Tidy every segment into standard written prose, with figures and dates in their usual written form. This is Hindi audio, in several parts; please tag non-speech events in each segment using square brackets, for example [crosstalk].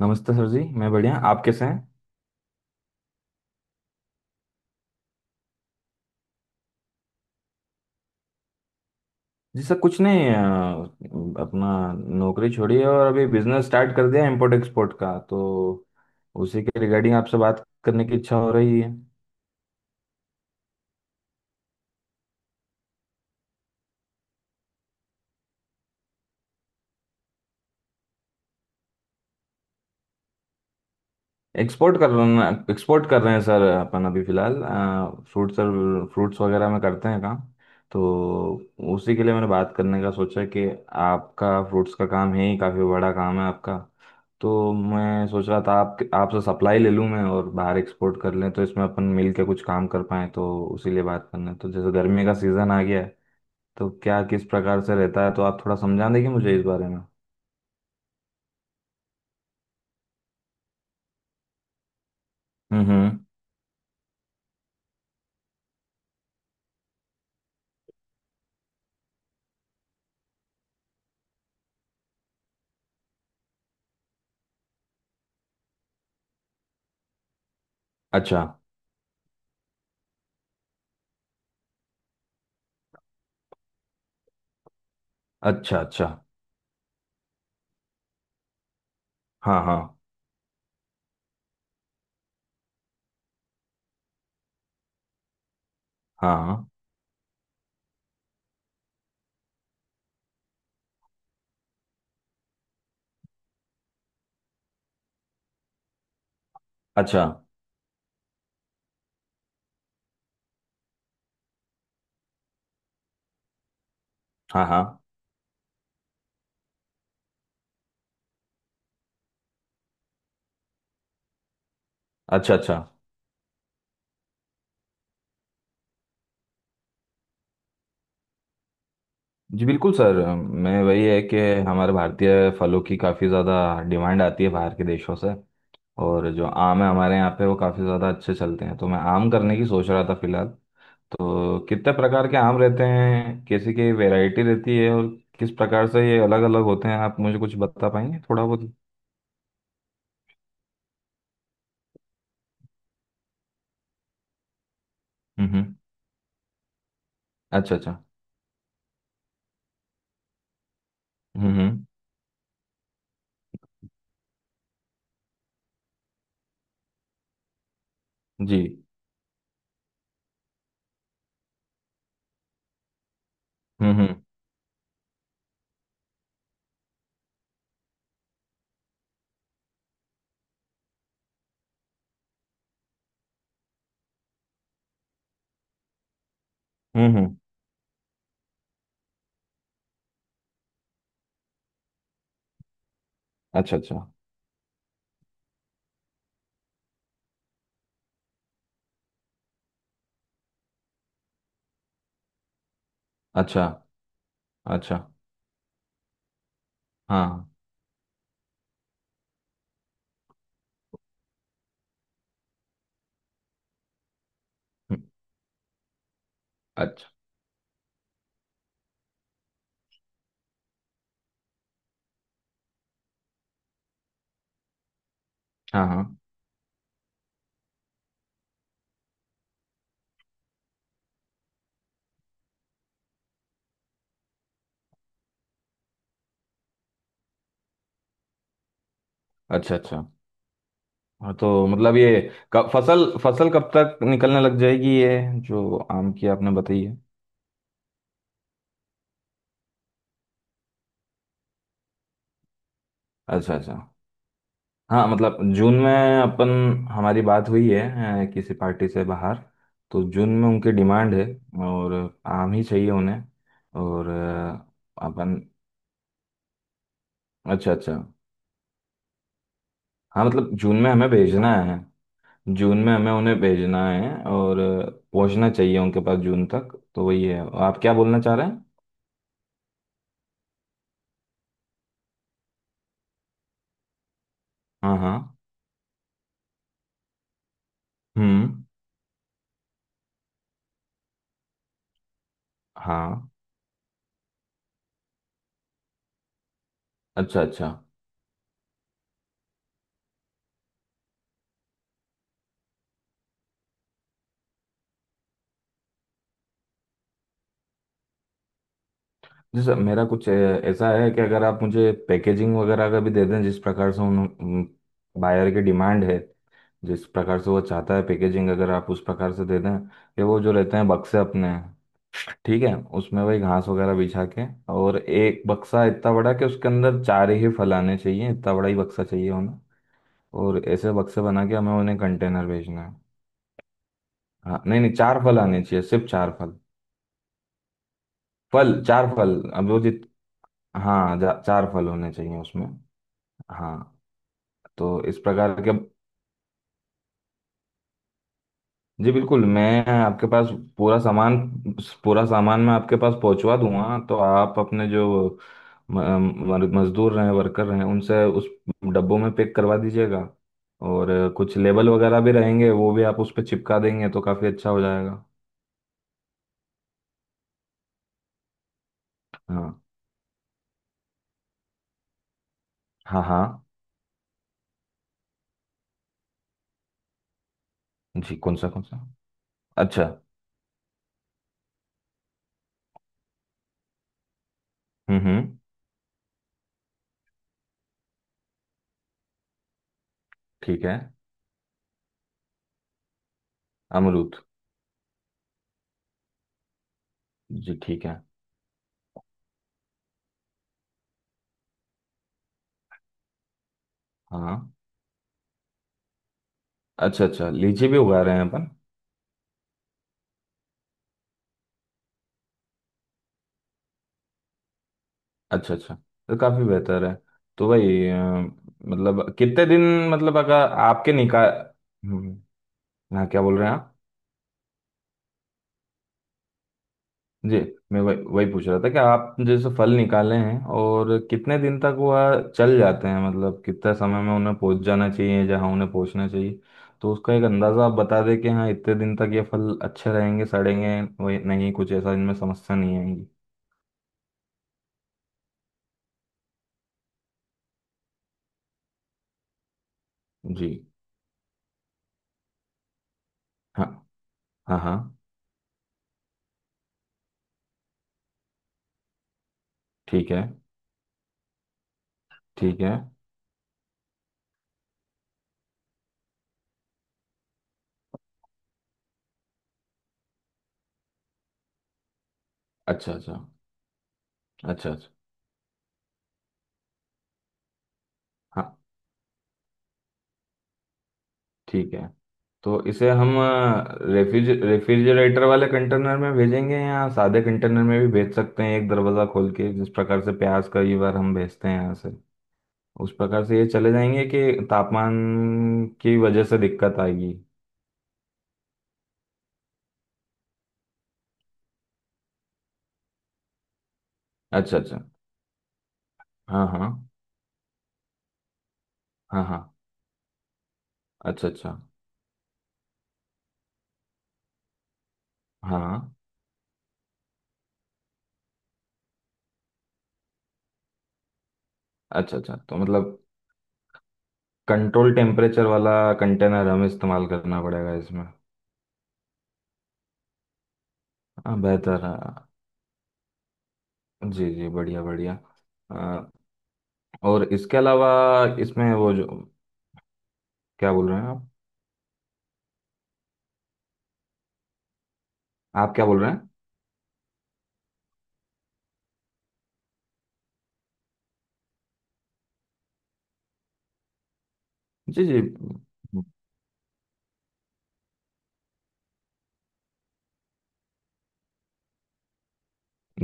नमस्ते सर जी, मैं बढ़िया। आप कैसे हैं? जी सर, कुछ नहीं, अपना नौकरी छोड़ी है और अभी बिजनेस स्टार्ट कर दिया, इम्पोर्ट एक्सपोर्ट का। तो उसी के रिगार्डिंग आपसे बात करने की इच्छा हो रही है। एक्सपोर्ट कर रहे हैं सर, अपन अभी फिलहाल फ्रूट सर, फ्रूट्स वगैरह में करते हैं काम। तो उसी के लिए मैंने बात करने का सोचा कि आपका फ्रूट्स का काम है ही, काफ़ी बड़ा काम है आपका। तो मैं सोच रहा था आप आपसे सप्लाई ले लूँ मैं और बाहर एक्सपोर्ट कर लें, तो इसमें अपन मिल के कुछ काम कर पाएँ। तो उसी लिए बात करना है। तो जैसे गर्मी का सीज़न आ गया है, तो क्या किस प्रकार से रहता है, तो आप थोड़ा समझा देंगे मुझे इस बारे में? हम्म। अच्छा अच्छा। अच्छा। हाँ हाँ। हाँ हाँ। अच्छा। हाँ हाँ। अच्छा अच्छा। जी बिल्कुल सर, मैं वही है कि हमारे भारतीय फलों की काफ़ी ज़्यादा डिमांड आती है बाहर के देशों से। और जो आम है हमारे यहाँ पे, वो काफ़ी ज़्यादा अच्छे चलते हैं, तो मैं आम करने की सोच रहा था फिलहाल। तो कितने प्रकार के आम रहते हैं, कैसी की वैरायटी रहती है, और किस प्रकार से ये अलग अलग होते हैं, आप मुझे कुछ बता पाएंगे थोड़ा बहुत? हम्म। अच्छा अच्छा। हम्म। जी। हम्म। हम्म। अच्छा अच्छा। अच्छा अच्छा। हाँ। हम्म। अच्छा। हाँ हाँ। अच्छा अच्छा। हाँ, तो मतलब ये कब फसल फसल कब तक निकलने लग जाएगी, ये जो आम की आपने बताई है? अच्छा अच्छा। हाँ, मतलब जून में अपन, हमारी बात हुई है किसी पार्टी से बाहर। तो जून में उनकी डिमांड है, और आम ही चाहिए उन्हें। और अपन। अच्छा अच्छा। हाँ, मतलब जून में हमें भेजना है। जून में हमें उन्हें भेजना है, और पहुंचना चाहिए उनके पास जून तक, तो वही है। आप क्या बोलना चाह रहे हैं? हाँ हाँ। हम्म। हाँ। अच्छा अच्छा। जी सर, मेरा कुछ ऐसा है कि अगर आप मुझे पैकेजिंग वगैरह का भी दे दें, जिस प्रकार से उन बायर की डिमांड है, जिस प्रकार से वो चाहता है पैकेजिंग, अगर आप उस प्रकार से दे दें, कि वो जो रहते हैं बक्से अपने, ठीक है, उसमें वही घास वगैरह बिछा के। और एक बक्सा इतना बड़ा कि उसके अंदर चार ही फल आने चाहिए, इतना बड़ा ही बक्सा चाहिए होना। और ऐसे बक्से बना के हमें उन्हें कंटेनर भेजना है। हाँ, नहीं नहीं, चार फल आने चाहिए, सिर्फ चार फल। फल, चार फल। अब वो जित हाँ, चार फल होने चाहिए उसमें। हाँ, तो इस प्रकार के। जी बिल्कुल, मैं आपके पास पूरा सामान पूरा सामान मैं आपके पास पहुंचवा दूंगा। तो आप अपने जो मजदूर हैं, वर्कर हैं, उनसे उस डब्बों में पैक करवा दीजिएगा। और कुछ लेबल वगैरह भी रहेंगे, वो भी आप उस पर चिपका देंगे तो काफ़ी अच्छा हो जाएगा। हाँ हाँ। हाँ। जी कौन सा कौन सा? अच्छा। हम्म। ठीक है। अमरूद। जी ठीक है। हाँ। अच्छा अच्छा, लीची भी उगा रहे हैं अपन? अच्छा अच्छा, तो काफी बेहतर है। तो भाई मतलब कितने दिन? मतलब अगर आपके निकाल। हम्म, हाँ, क्या बोल रहे हैं आप? जी, मैं वही वही पूछ रहा था कि आप जैसे फल निकाले हैं, और कितने दिन तक वह चल जाते हैं, मतलब कितने समय में उन्हें पहुंच जाना चाहिए जहां उन्हें पहुंचना चाहिए। तो उसका एक अंदाजा आप बता दें कि हाँ, इतने दिन तक ये फल अच्छे रहेंगे, सड़ेंगे वही नहीं, कुछ ऐसा इनमें समस्या नहीं आएगी। जी। हाँ हाँ। हाँ। ठीक है। ठीक है। अच्छा अच्छा। अच्छा अच्छा। हाँ, ठीक है। तो इसे हम रेफ्रिजरेटर वाले कंटेनर में भेजेंगे, या सादे कंटेनर में भी भेज सकते हैं, एक दरवाज़ा खोल के, जिस प्रकार से प्याज कई बार हम भेजते हैं यहाँ से, उस प्रकार से ये चले जाएंगे, कि तापमान की वजह से दिक्कत आएगी? अच्छा अच्छा। हाँ हाँ। हाँ हाँ। अच्छा अच्छा। हाँ। अच्छा अच्छा, तो मतलब कंट्रोल टेम्परेचर वाला कंटेनर हमें इस्तेमाल करना पड़ेगा इसमें? हाँ, बेहतर है। जी जी, बढ़िया बढ़िया। और इसके अलावा इसमें वो जो, क्या बोल रहे हैं आप? आप क्या बोल रहे हैं? जी जी।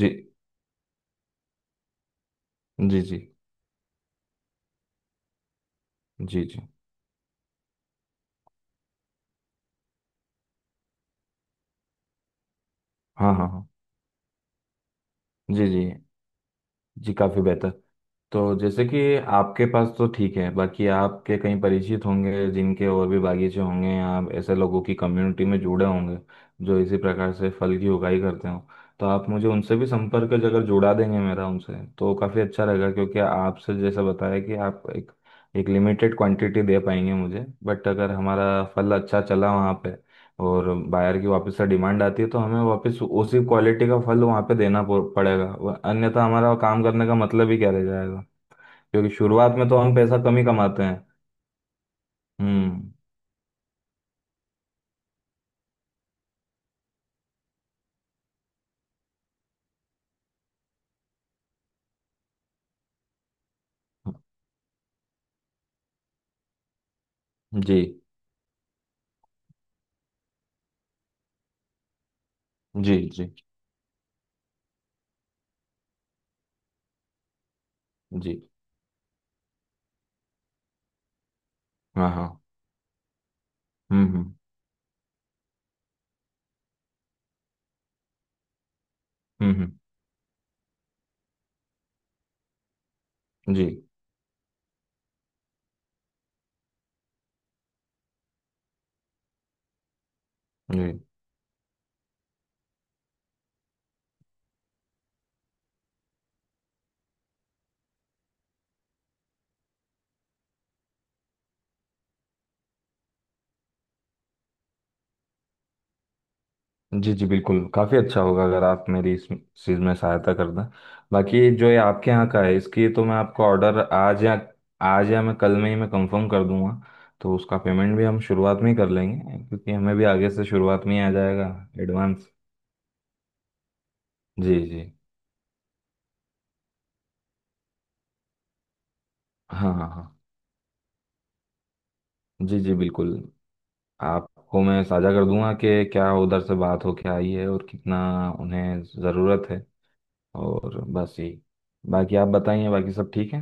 जी। जी जी। जी जी। जी हाँ हाँ हाँ। जी जी। जी काफ़ी बेहतर। तो जैसे कि आपके पास तो ठीक है, बाकी आपके कहीं परिचित होंगे जिनके और भी बागीचे होंगे, या ऐसे लोगों की कम्युनिटी में जुड़े होंगे, जो इसी प्रकार से फल की उगाई करते हो, तो आप मुझे उनसे भी संपर्क अगर जुड़ा देंगे मेरा उनसे, तो काफ़ी अच्छा रहेगा। क्योंकि आपसे जैसा बताया कि आप एक एक लिमिटेड क्वांटिटी दे पाएंगे मुझे, बट अगर हमारा फल अच्छा चला वहाँ पे, और बायर की वापस से डिमांड आती है, तो हमें वापस उसी क्वालिटी का फल वहाँ पे देना पड़ेगा, अन्यथा हमारा काम करने का मतलब ही क्या रह जाएगा। क्योंकि शुरुआत में तो हम पैसा कम ही कमाते हैं। हम्म। जी। जी जी। जी। हाँ हाँ। हम्म। हम्म हम्म, जी। जी। जी जी बिल्कुल, काफ़ी अच्छा होगा अगर आप मेरी इस चीज़ में सहायता कर दें। बाकी जो ये आपके यहाँ का है, इसकी तो मैं आपको ऑर्डर आज या, आज या मैं कल में ही मैं कंफर्म कर दूंगा। तो उसका पेमेंट भी हम शुरुआत में ही कर लेंगे, क्योंकि हमें भी आगे से शुरुआत में ही आ जाएगा। एडवांस। जी जी। हाँ हाँ हाँ। जी जी बिल्कुल, आपको मैं साझा कर दूंगा कि क्या उधर से बात होके आई है, और कितना उन्हें ज़रूरत है। और बस यही, बाकी आप बताइए, बाकी सब ठीक है?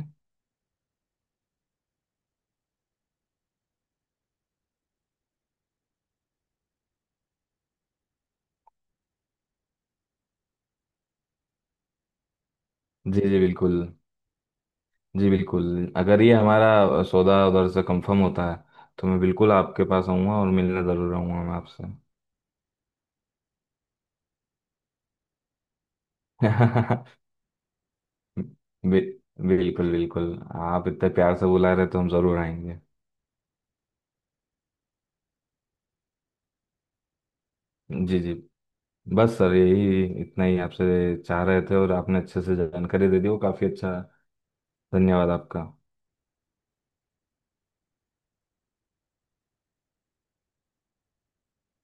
जी जी बिल्कुल। जी बिल्कुल, अगर ये हमारा सौदा उधर से कंफर्म होता है, तो मैं बिल्कुल आपके पास आऊँगा और मिलने ज़रूर आऊँगा मैं आपसे। [laughs] बि, बिल्कुल बिल्कुल। आप इतने प्यार से बुला रहे तो हम ज़रूर आएंगे। जी जी। बस सर यही, इतना ही आपसे चाह रहे थे, और आपने अच्छे से जानकारी दे दी, वो काफ़ी अच्छा। धन्यवाद आपका।